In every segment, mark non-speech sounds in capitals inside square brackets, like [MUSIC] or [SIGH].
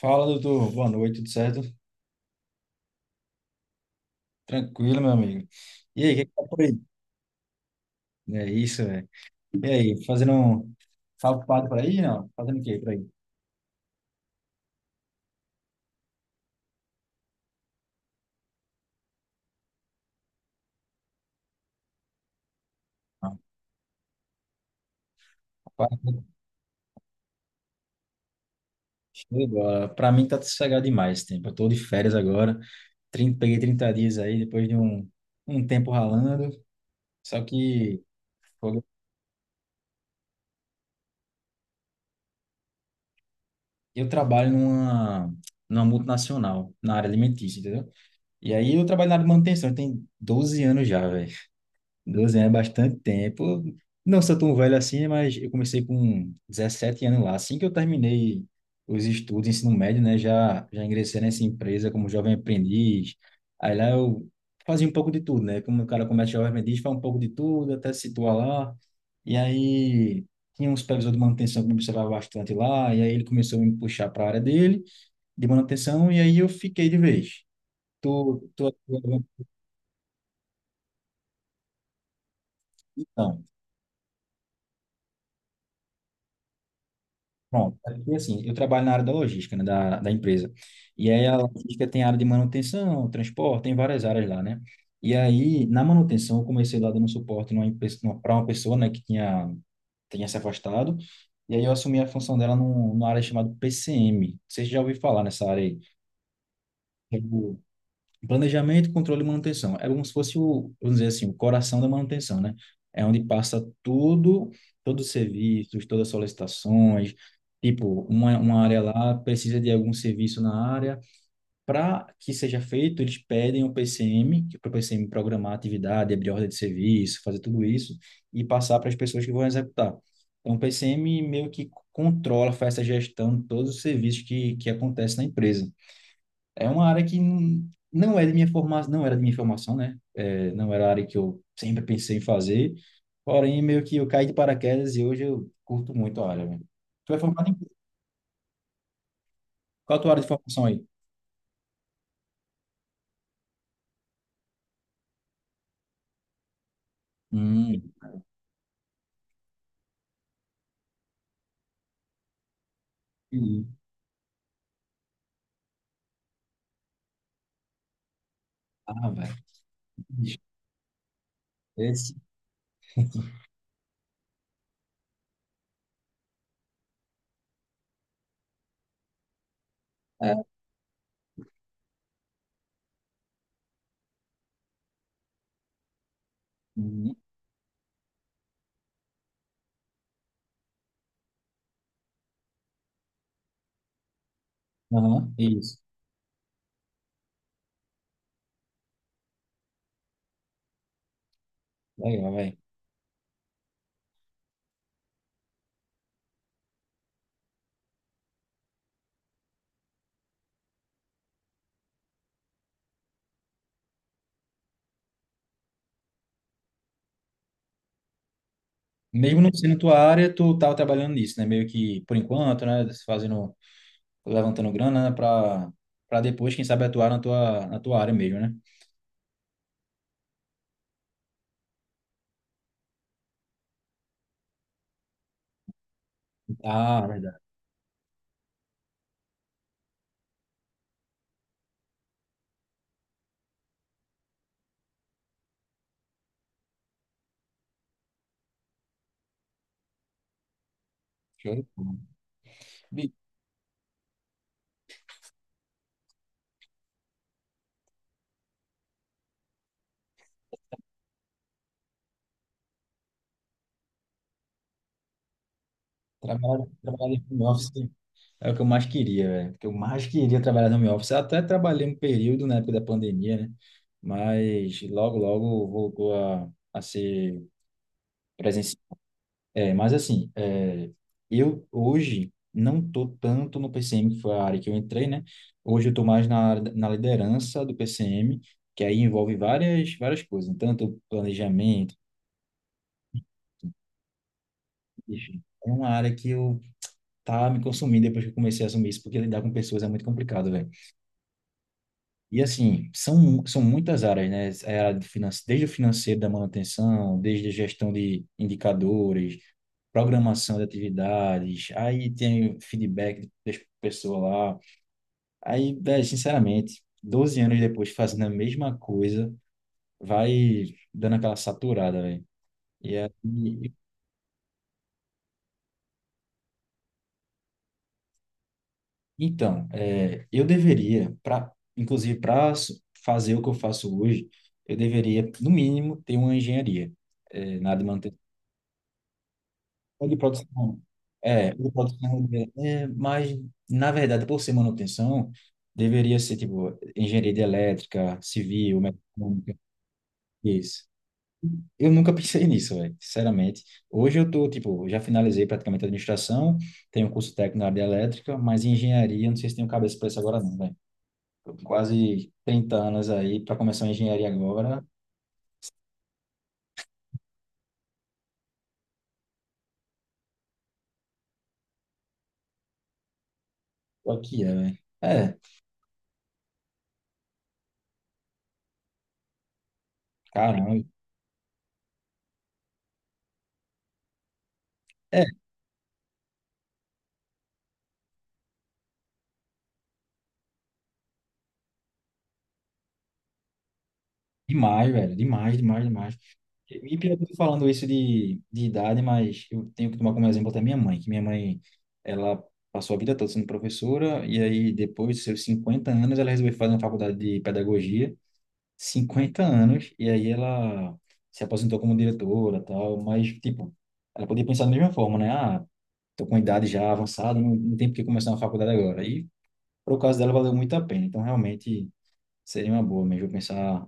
Fala, doutor. Boa noite, tudo certo? Tranquilo, meu amigo. E aí, o que que tá por aí? É isso, velho. E aí, fazendo um... Tá ocupado por aí, não? Fazendo o quê por aí? Não, ocupado. Show de bola. Pra mim tá sossegado demais esse tempo. Eu tô de férias agora. 30, peguei 30 dias aí, depois de um tempo ralando. Só que pô, eu trabalho numa multinacional, na área alimentícia, entendeu? E aí eu trabalho na área de manutenção. Tem 12 anos já, velho. 12 anos é bastante tempo. Não sou tão velho assim, mas eu comecei com 17 anos lá. Assim que eu terminei os estudos, ensino médio, né, já ingressei nessa empresa como jovem aprendiz. Aí lá eu fazia um pouco de tudo, né? Como o cara começa jovem aprendiz, faz um pouco de tudo, até se situar lá. E aí tinha um supervisor de manutenção que me observava bastante lá, e aí ele começou a me puxar para a área dele, de manutenção, e aí eu fiquei de vez. Tô, tô... Então, pronto, é. Porque assim, eu trabalho na área da logística, né, da empresa. E aí a logística tem área de manutenção, transporte, tem várias áreas lá, né? E aí, na manutenção, eu comecei lá dando suporte para uma pessoa, né, tinha se afastado. E aí eu assumi a função dela numa área chamada PCM. Vocês já ouviram falar nessa área aí? Planejamento, controle e manutenção. É como se fosse o, vamos dizer assim, o coração da manutenção, né? É onde passa tudo, todos os serviços, todas as solicitações. Tipo, uma área lá precisa de algum serviço na área. Para que seja feito, eles pedem o PCM, para o PCM programar a atividade, abrir ordem de serviço, fazer tudo isso e passar para as pessoas que vão executar. Então, o PCM meio que controla, faz essa gestão de todos os serviços que acontecem na empresa. É uma área que não é de minha formação, não era de minha formação, né? É, não era a área que eu sempre pensei em fazer. Porém, meio que eu caí de paraquedas e hoje eu curto muito a área, velho. Tu é formado em qual a tua área de formação aí? Hum, entendi. Ah, velho. Bicho, esse é. Hum, aham, isso. Legal, velho. Mesmo não sendo tua área, tu tava trabalhando nisso, né? Meio que por enquanto, né? Fazendo, levantando grana, né? Pra, pra depois, quem sabe, atuar na tua área mesmo, né? Ah, verdade. Show de bola. Trabalhar de home office é o que eu mais queria, velho. O que eu mais queria trabalhar no home office. Eu até trabalhei um período na época da pandemia, né? Mas logo, logo voltou a ser presencial. É, mas assim, é, eu hoje não tô tanto no PCM, que foi a área que eu entrei, né? Hoje eu tô mais na, área da- na liderança do PCM, que aí envolve várias coisas, né? Tanto planejamento, enfim. É uma área que eu tá me consumindo depois que eu comecei a assumir isso, porque lidar com pessoas é muito complicado, velho. E assim, são muitas áreas, né? É a área de finan- desde o financeiro da manutenção, desde a gestão de indicadores, programação de atividades, aí tem feedback da pessoa lá. Aí, velho, sinceramente, 12 anos depois fazendo a mesma coisa, vai dando aquela saturada, velho. E aí, então, é, eu deveria, pra, inclusive para fazer o que eu faço hoje, eu deveria, no mínimo, ter uma engenharia, é, na área de manutenção. O de produção. É, o de produção é, é, mas, na verdade, por ser manutenção, deveria ser, tipo, engenharia de elétrica, civil, mecânica, isso. Eu nunca pensei nisso, velho, sinceramente. Hoje eu tô, tipo, já finalizei praticamente a administração, tenho um curso técnico na área de elétrica, mas em engenharia, não sei se tenho cabeça para isso agora não, velho. Tô com quase 30 anos aí, para começar uma engenharia agora, o que é, velho? É, caramba. É, demais, velho, demais, demais, demais. E pior que eu tô falando isso de idade, mas eu tenho que tomar como exemplo até minha mãe, que minha mãe, ela passou a vida toda sendo professora, e aí depois dos seus 50 anos, ela resolveu fazer uma faculdade de pedagogia, 50 anos, e aí ela se aposentou como diretora, tal, mas, tipo, ela podia pensar da mesma forma, né? Ah, tô com idade já avançada, não, não tem por que começar uma faculdade agora. E, pro caso dela, valeu muito a pena, então realmente seria uma boa mesmo eu pensar.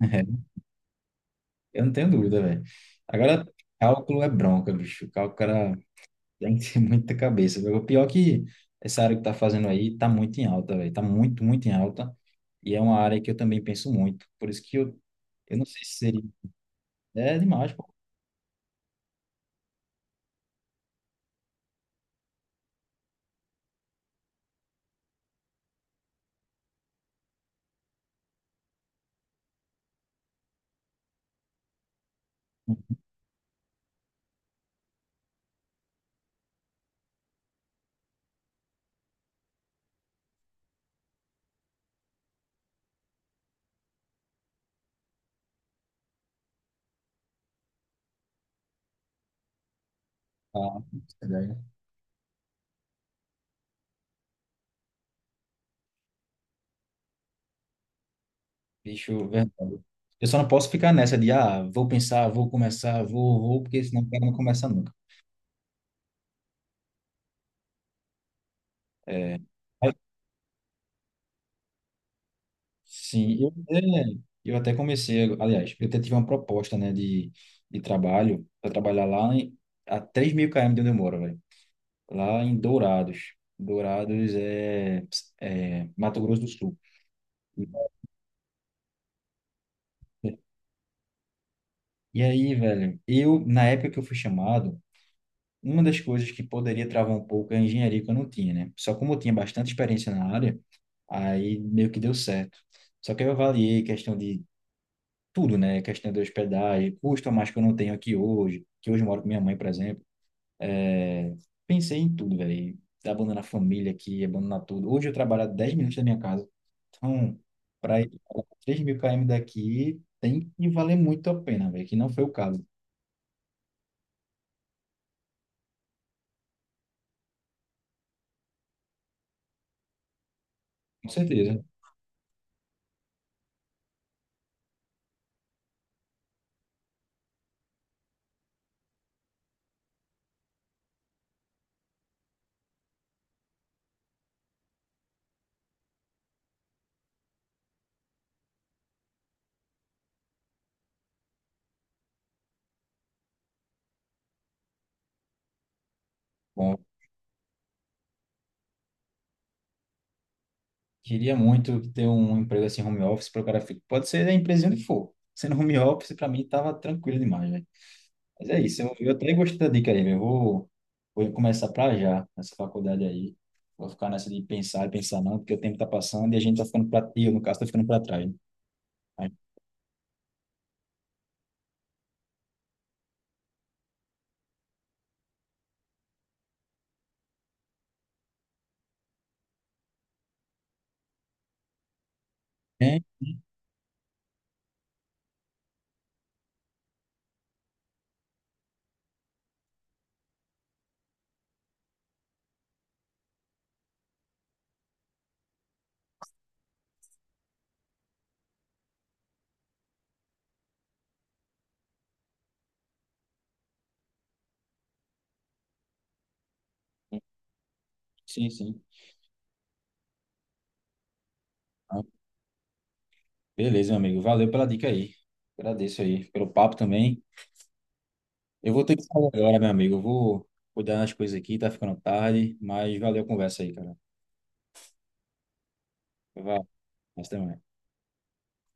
[LAUGHS] Eu não tenho dúvida, velho. Agora, cálculo é bronca, bicho. Cálculo, cara, tem que ter [LAUGHS] muita cabeça, velho. O pior é que essa área que tá fazendo aí tá muito em alta, velho. Tá muito em alta. E é uma área que eu também penso muito. Por isso que eu não sei se seria. É demais, pô. Ah, verdade. Bicho, verdade. Eu só não posso ficar nessa de, ah, vou pensar, vou começar, vou, porque senão o cara não começa nunca. É. Sim, eu até comecei, aliás, eu até tive uma proposta, né, de trabalho, para trabalhar lá em, a 3.000 km de onde eu moro, velho, lá em Dourados. Dourados é, é Mato Grosso do Sul. E aí, velho, eu, na época que eu fui chamado, uma das coisas que poderia travar um pouco é a engenharia que eu não tinha, né? Só como eu tinha bastante experiência na área, aí meio que deu certo. Só que eu avaliei questão de tudo, né? Questão de hospedagem, custo a mais que eu não tenho aqui hoje, que hoje eu moro com minha mãe, por exemplo. É, pensei em tudo, velho. Abandonar a família aqui, abandonar tudo. Hoje eu trabalho a 10 minutos da minha casa. Então, para ir pra 3 mil km daqui, tem que valer muito a pena, velho. Que não foi o caso. Com certeza. Bom, queria muito ter um emprego assim, home office, para o cara ficar. Pode ser a empresa onde for. Sendo home office, para mim, tava tranquilo demais, velho. Mas é isso, eu até gostei da dica aí, velho. Eu vou, vou começar pra já, nessa faculdade aí. Vou ficar nessa de pensar e pensar não, porque o tempo tá passando e a gente tá ficando pra... E eu, no caso, tá ficando pra trás, né? Mas, é, sim, sim. Ah, beleza, meu amigo. Valeu pela dica aí. Agradeço aí pelo papo também. Eu vou ter que sair agora, meu amigo. Eu vou cuidar das coisas aqui, tá ficando tarde, mas valeu a conversa aí, cara. Vai, até mais.